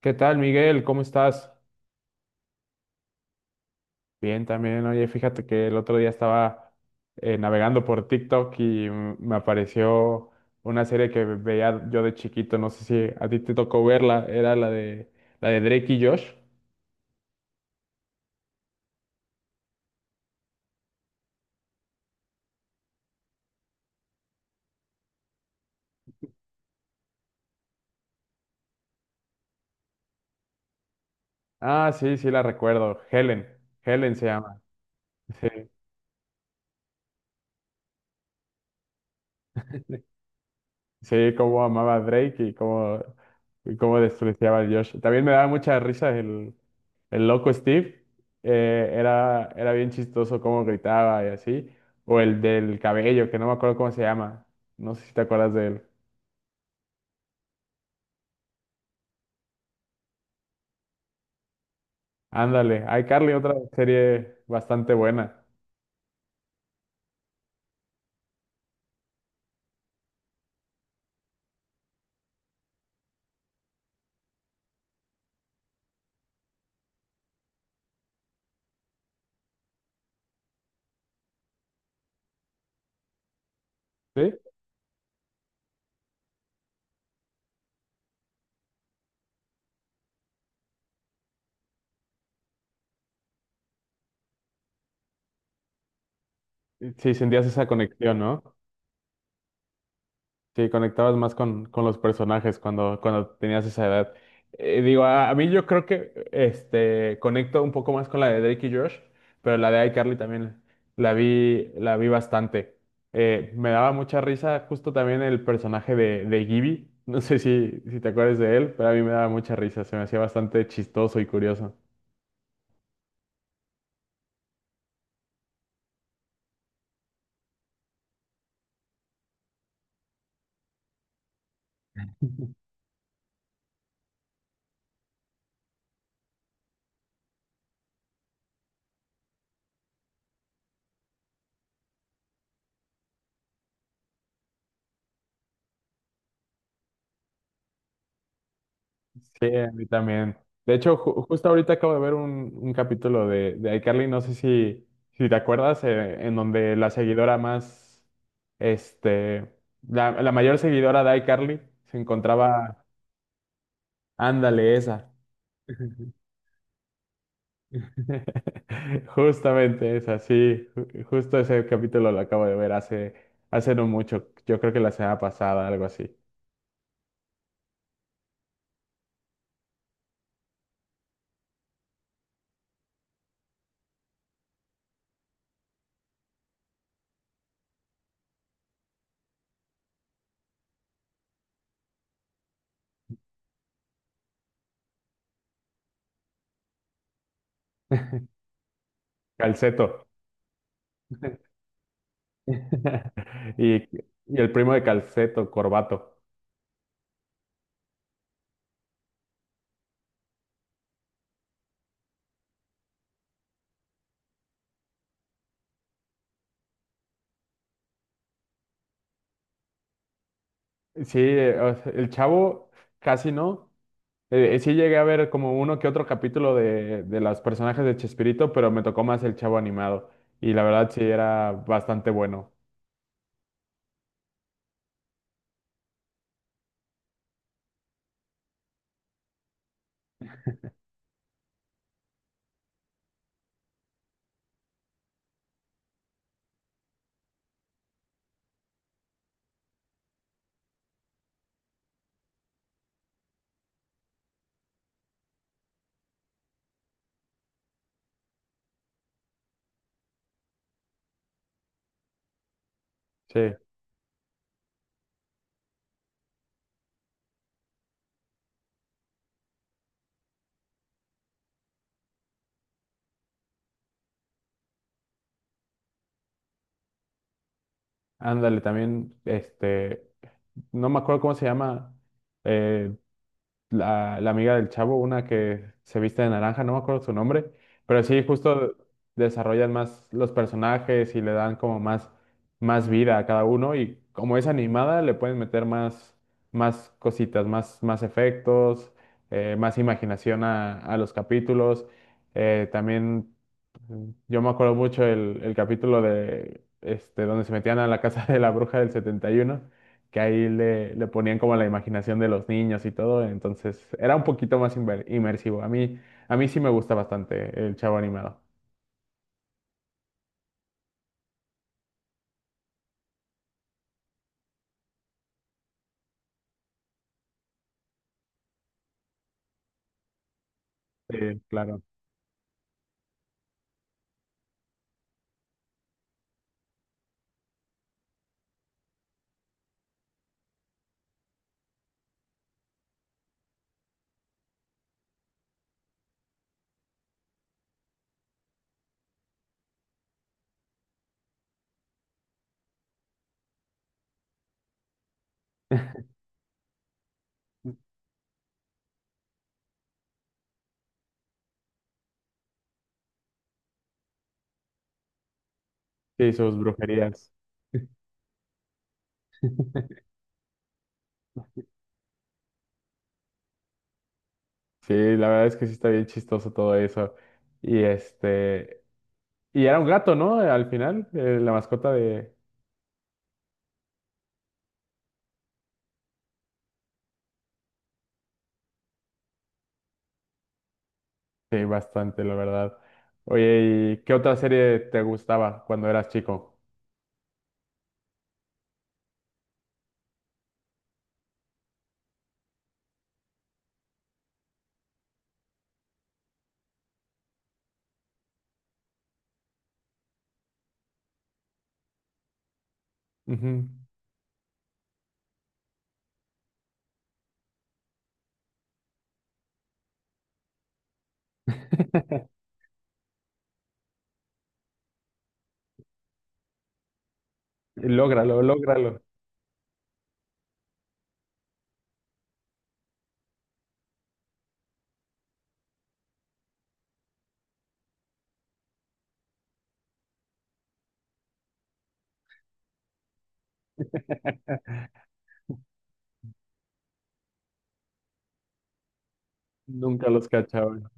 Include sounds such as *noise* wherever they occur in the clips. ¿Qué tal, Miguel? ¿Cómo estás? Bien, también. Oye, fíjate que el otro día estaba navegando por TikTok y me apareció una serie que veía yo de chiquito. No sé si a ti te tocó verla. Era la de Drake y Josh. Ah, sí, sí la recuerdo. Helen. Helen se llama. Sí. Sí, cómo amaba a Drake y cómo despreciaba a Josh. También me daba mucha risa el loco Steve. Era bien chistoso cómo gritaba y así. O el del cabello, que no me acuerdo cómo se llama. No sé si te acuerdas de él. Ándale, iCarly, otra serie bastante buena. ¿Sí? Sí, sentías esa conexión, ¿no? Sí, conectabas más con los personajes cuando tenías esa edad. Digo, a mí yo creo que conecto un poco más con la de Drake y Josh, pero la de iCarly también la vi bastante. Me daba mucha risa justo también el personaje de Gibby. No sé si te acuerdas de él, pero a mí me daba mucha risa. Se me hacía bastante chistoso y curioso. Sí, a mí también. De hecho, justo ahorita acabo de ver un capítulo de iCarly, no sé si te acuerdas, en donde este, la la mayor seguidora de iCarly se encontraba, ándale, esa. *laughs* Justamente esa, sí, justo ese capítulo lo acabo de ver hace no mucho, yo creo que la semana pasada, algo así. *laughs* Calceto. *laughs* Y, y el primo de Calceto, Corbato. Sí, o sea, el chavo casi no. Sí llegué a ver como uno que otro capítulo de los personajes de Chespirito, pero me tocó más el chavo animado. Y la verdad sí era bastante bueno. Sí, ándale, también, no me acuerdo cómo se llama. eh, la amiga del chavo, una que se viste de naranja, no me acuerdo su nombre, pero sí, justo desarrollan más los personajes y le dan como más vida a cada uno y como es animada le pueden meter más cositas, más efectos, más imaginación a los capítulos. También yo me acuerdo mucho el capítulo de donde se metían a la *laughs* casa de la bruja del 71, que ahí le ponían como la imaginación de los niños y todo, entonces era un poquito más inmersivo. A mí sí me gusta bastante el Chavo Animado. Sí, claro. Sí, sus brujerías. *laughs* Sí, la verdad es que sí está bien chistoso todo eso. Y este, y era un gato, ¿no? Al final, la mascota de... Sí, bastante, la verdad. Oye, ¿y qué otra serie te gustaba cuando eras chico? Ujú. *laughs* Lógralo, lógralo. *laughs* Nunca los cachaba.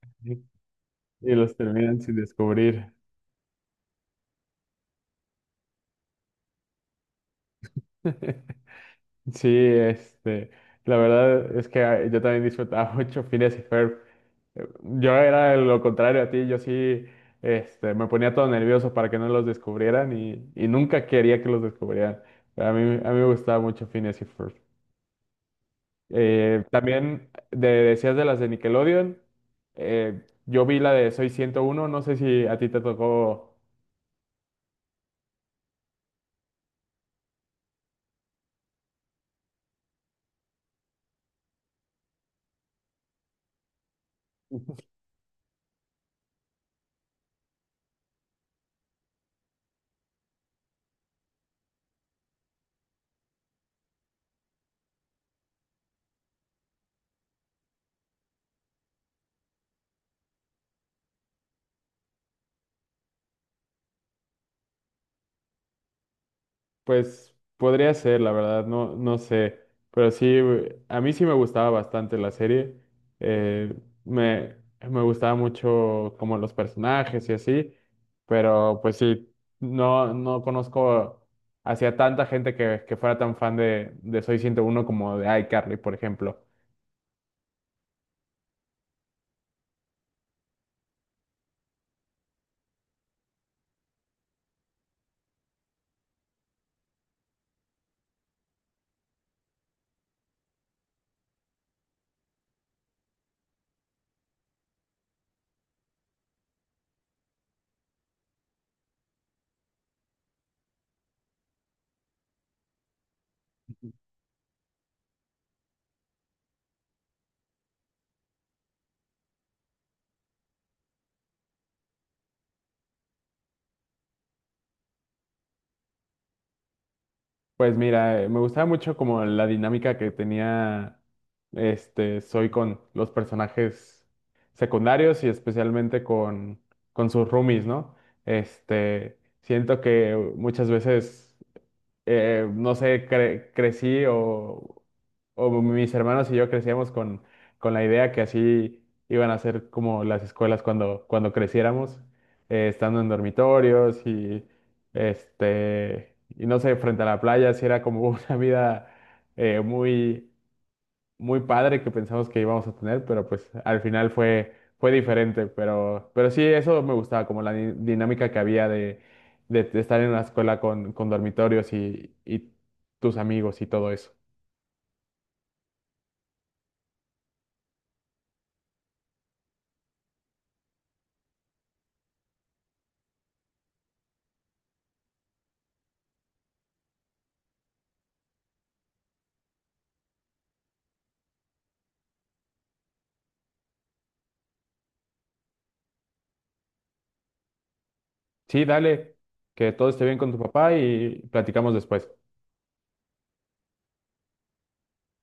*laughs* Y los terminan sin descubrir. *laughs* Sí, este, la verdad es que ah, yo también disfrutaba *laughs* mucho Phineas y Ferb. Eh, Yo era lo contrario a ti, yo sí, me ponía todo nervioso para que no los descubrieran y nunca quería que los descubrieran. A mí me gustaba mucho Phineas y Ferb. También decías de las de Nickelodeon, yo vi la de Soy 101, no sé si a ti te tocó. Pues podría ser, la verdad, no, no sé, pero sí, a mí sí me gustaba bastante la serie. eh, me, me gustaba mucho como los personajes y así, pero pues sí, no, no conozco hacia tanta gente que fuera tan fan de Soy 101 como de iCarly, por ejemplo. Pues mira, me gustaba mucho como la dinámica que tenía este Soy con los personajes secundarios y especialmente con sus roomies, ¿no? Este, siento que muchas veces no sé, crecí o mis hermanos y yo crecíamos con la idea que así iban a ser como las escuelas cuando creciéramos, estando en dormitorios y y no sé, frente a la playa, sí era como *laughs* una vida muy muy padre que pensamos que íbamos a tener, pero pues al final fue diferente. Pero sí, eso me gustaba, como la dinámica que había de estar en la escuela con dormitorios y tus amigos y todo eso. Sí, dale, que todo esté bien con tu papá y platicamos después.